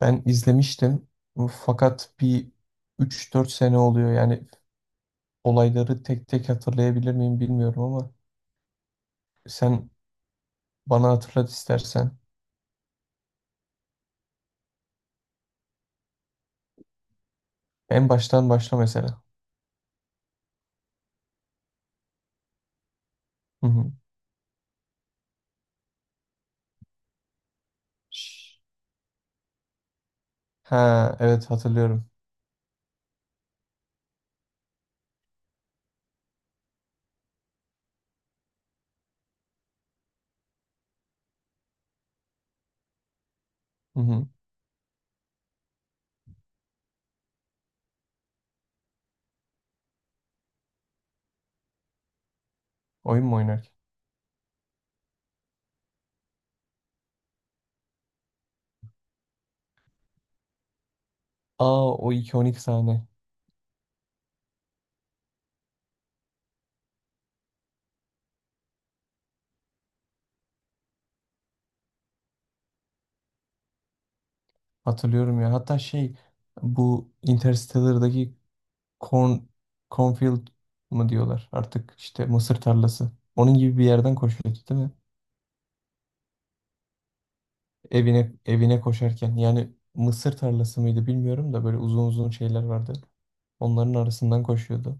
Ben izlemiştim fakat bir üç dört sene oluyor yani olayları tek tek hatırlayabilir miyim bilmiyorum ama sen bana hatırlat istersen. En baştan başla mesela. Hı hı. Şş. Ha, evet hatırlıyorum. Hı hı. Oyun mu oynarken? Aa, o 2-12 sahne. Hatırlıyorum ya. Hatta şey, bu Interstellar'daki corn, cornfield mı diyorlar artık, işte mısır tarlası. Onun gibi bir yerden koşuyordu, değil mi? Evine evine koşarken yani mısır tarlası mıydı bilmiyorum da böyle uzun uzun şeyler vardı. Onların arasından koşuyordu.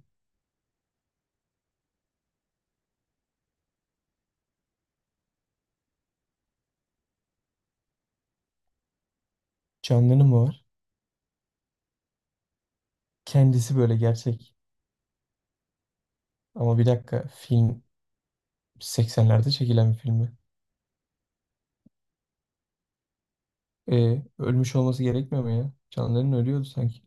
Canlı'nın mı var? Kendisi böyle gerçek. Ama bir dakika, film 80'lerde çekilen bir filmi. E, ölmüş olması gerekmiyor mu ya? Canlı'nın ölüyordu sanki.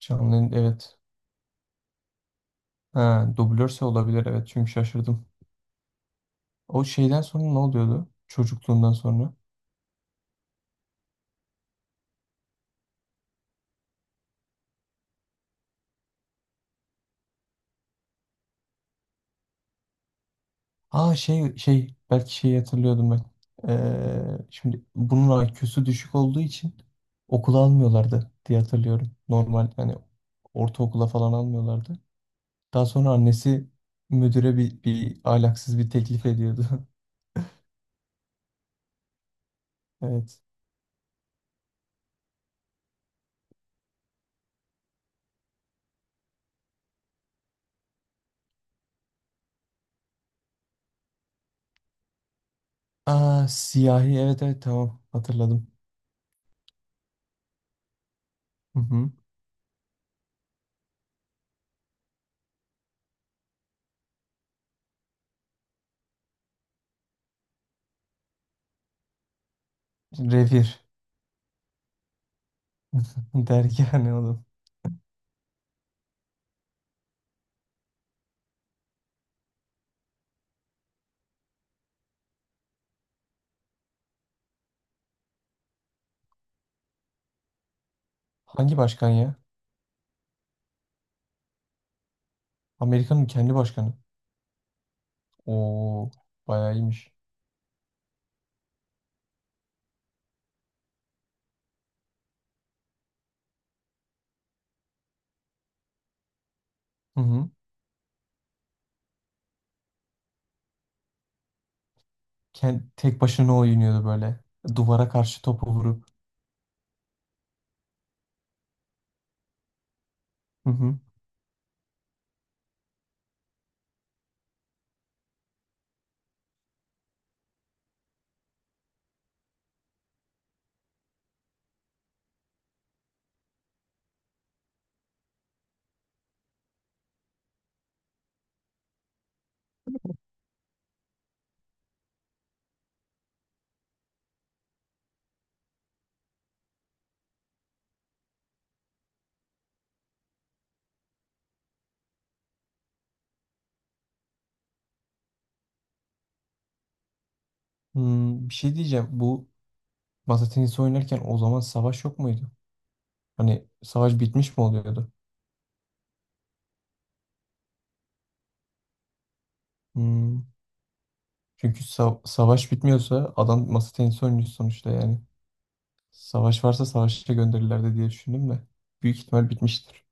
Canlı'nın, evet. Ha, dublörse olabilir, evet, çünkü şaşırdım. O şeyden sonra ne oluyordu? Çocukluğundan sonra. Aa, şey belki şeyi hatırlıyordum ben. Şimdi bunun IQ'su düşük olduğu için okula almıyorlardı diye hatırlıyorum. Normal hani ortaokula falan almıyorlardı. Daha sonra annesi müdüre bir ahlaksız bir teklif ediyordu. Evet. Aa, siyahi, evet evet, tamam, hatırladım. Hı hı. Revir. Dergi ne oğlum? Hangi başkan ya? Amerika'nın kendi başkanı. Oo, bayağı iyiymiş. Hı hı. Kend- tek başına oynuyordu böyle. Duvara karşı topu vurup. Hı hı. Hmm, bir şey diyeceğim. Bu masa tenisi oynarken o zaman savaş yok muydu? Hani savaş bitmiş mi oluyordu? Hmm. Çünkü savaş bitmiyorsa adam masa tenisi oynuyor sonuçta yani. Savaş varsa savaşa gönderirlerdi diye düşündüm de. Büyük ihtimal bitmiştir.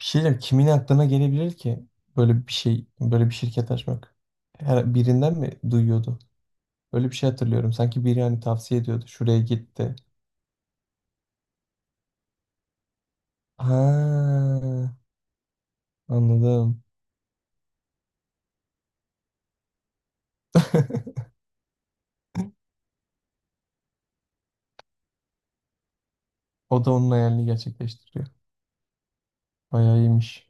Bir şey diyeceğim. Kimin aklına gelebilir ki böyle bir şey, böyle bir şirket açmak? Her birinden mi duyuyordu? Öyle bir şey hatırlıyorum. Sanki biri hani tavsiye ediyordu. Şuraya gitti. Ha, anladım. O da onun hayalini gerçekleştiriyor. Bayağı iyiymiş.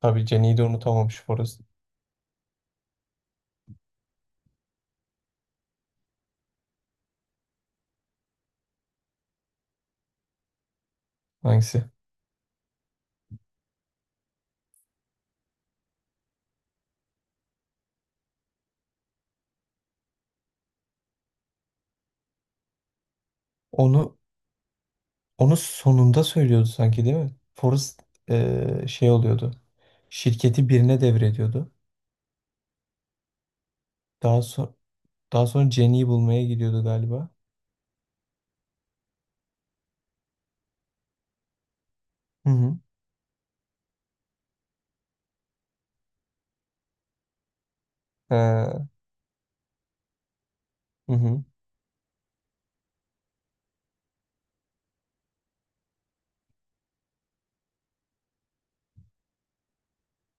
Tabii Jenny'i de unutamamış Forrest. Hangisi? Onu onu sonunda söylüyordu sanki, değil mi? Forrest şey oluyordu. Şirketi birine devrediyordu. Daha sonra daha sonra Jenny'i bulmaya gidiyordu galiba. Hı hı. Ha, hı hı.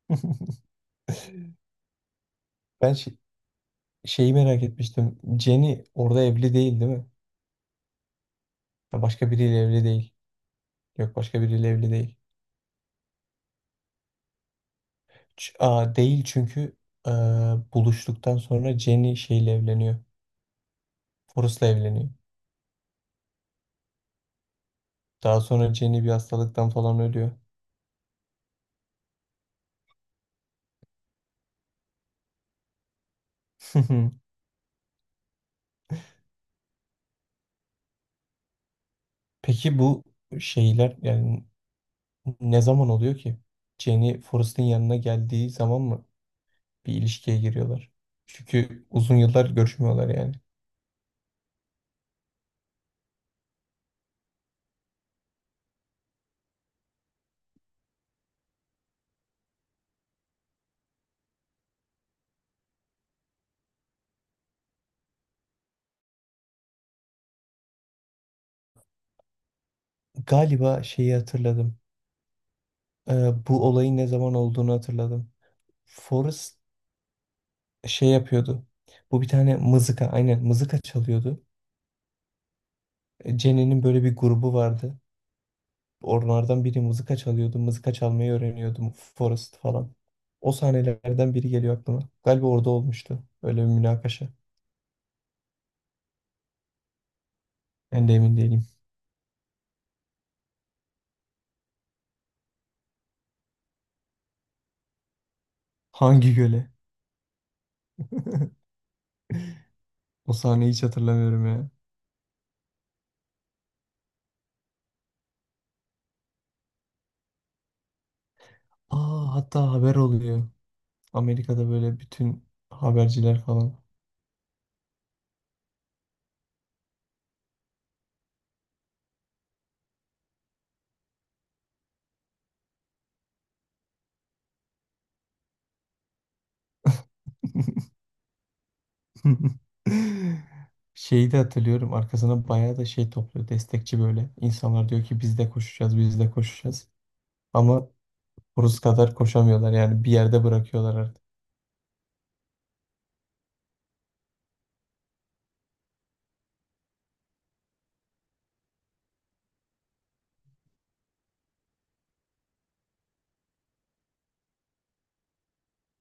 Ben şeyi merak etmiştim. Jenny orada evli, değil değil mi? Ha, başka biriyle evli değil. Yok, başka biriyle evli değil. Aa, değil, çünkü e, buluştuktan sonra Jenny şeyle evleniyor. Forrest'la evleniyor. Daha sonra Jenny bir hastalıktan falan ölüyor. Peki bu şeyler yani ne zaman oluyor ki? Jenny Forrest'ın yanına geldiği zaman mı bir ilişkiye giriyorlar? Çünkü uzun yıllar görüşmüyorlar yani. Galiba şeyi hatırladım. Bu olayın ne zaman olduğunu hatırladım. Forrest şey yapıyordu. Bu bir tane mızıka, aynen mızıka çalıyordu. E, Jenny'nin böyle bir grubu vardı. Onlardan biri mızıka çalıyordu. Mızıka çalmayı öğreniyordu Forrest falan. O sahnelerden biri geliyor aklıma. Galiba orada olmuştu. Öyle bir münakaşa. Ben de emin değilim. Hangi göle? O sahneyi hiç hatırlamıyorum ya. Aa, hatta haber oluyor. Amerika'da böyle bütün haberciler falan. Şeyi de hatırlıyorum. Arkasına bayağı da şey topluyor. Destekçi böyle. İnsanlar diyor ki biz de koşacağız, biz de koşacağız. Ama Rus kadar koşamıyorlar. Yani bir yerde bırakıyorlar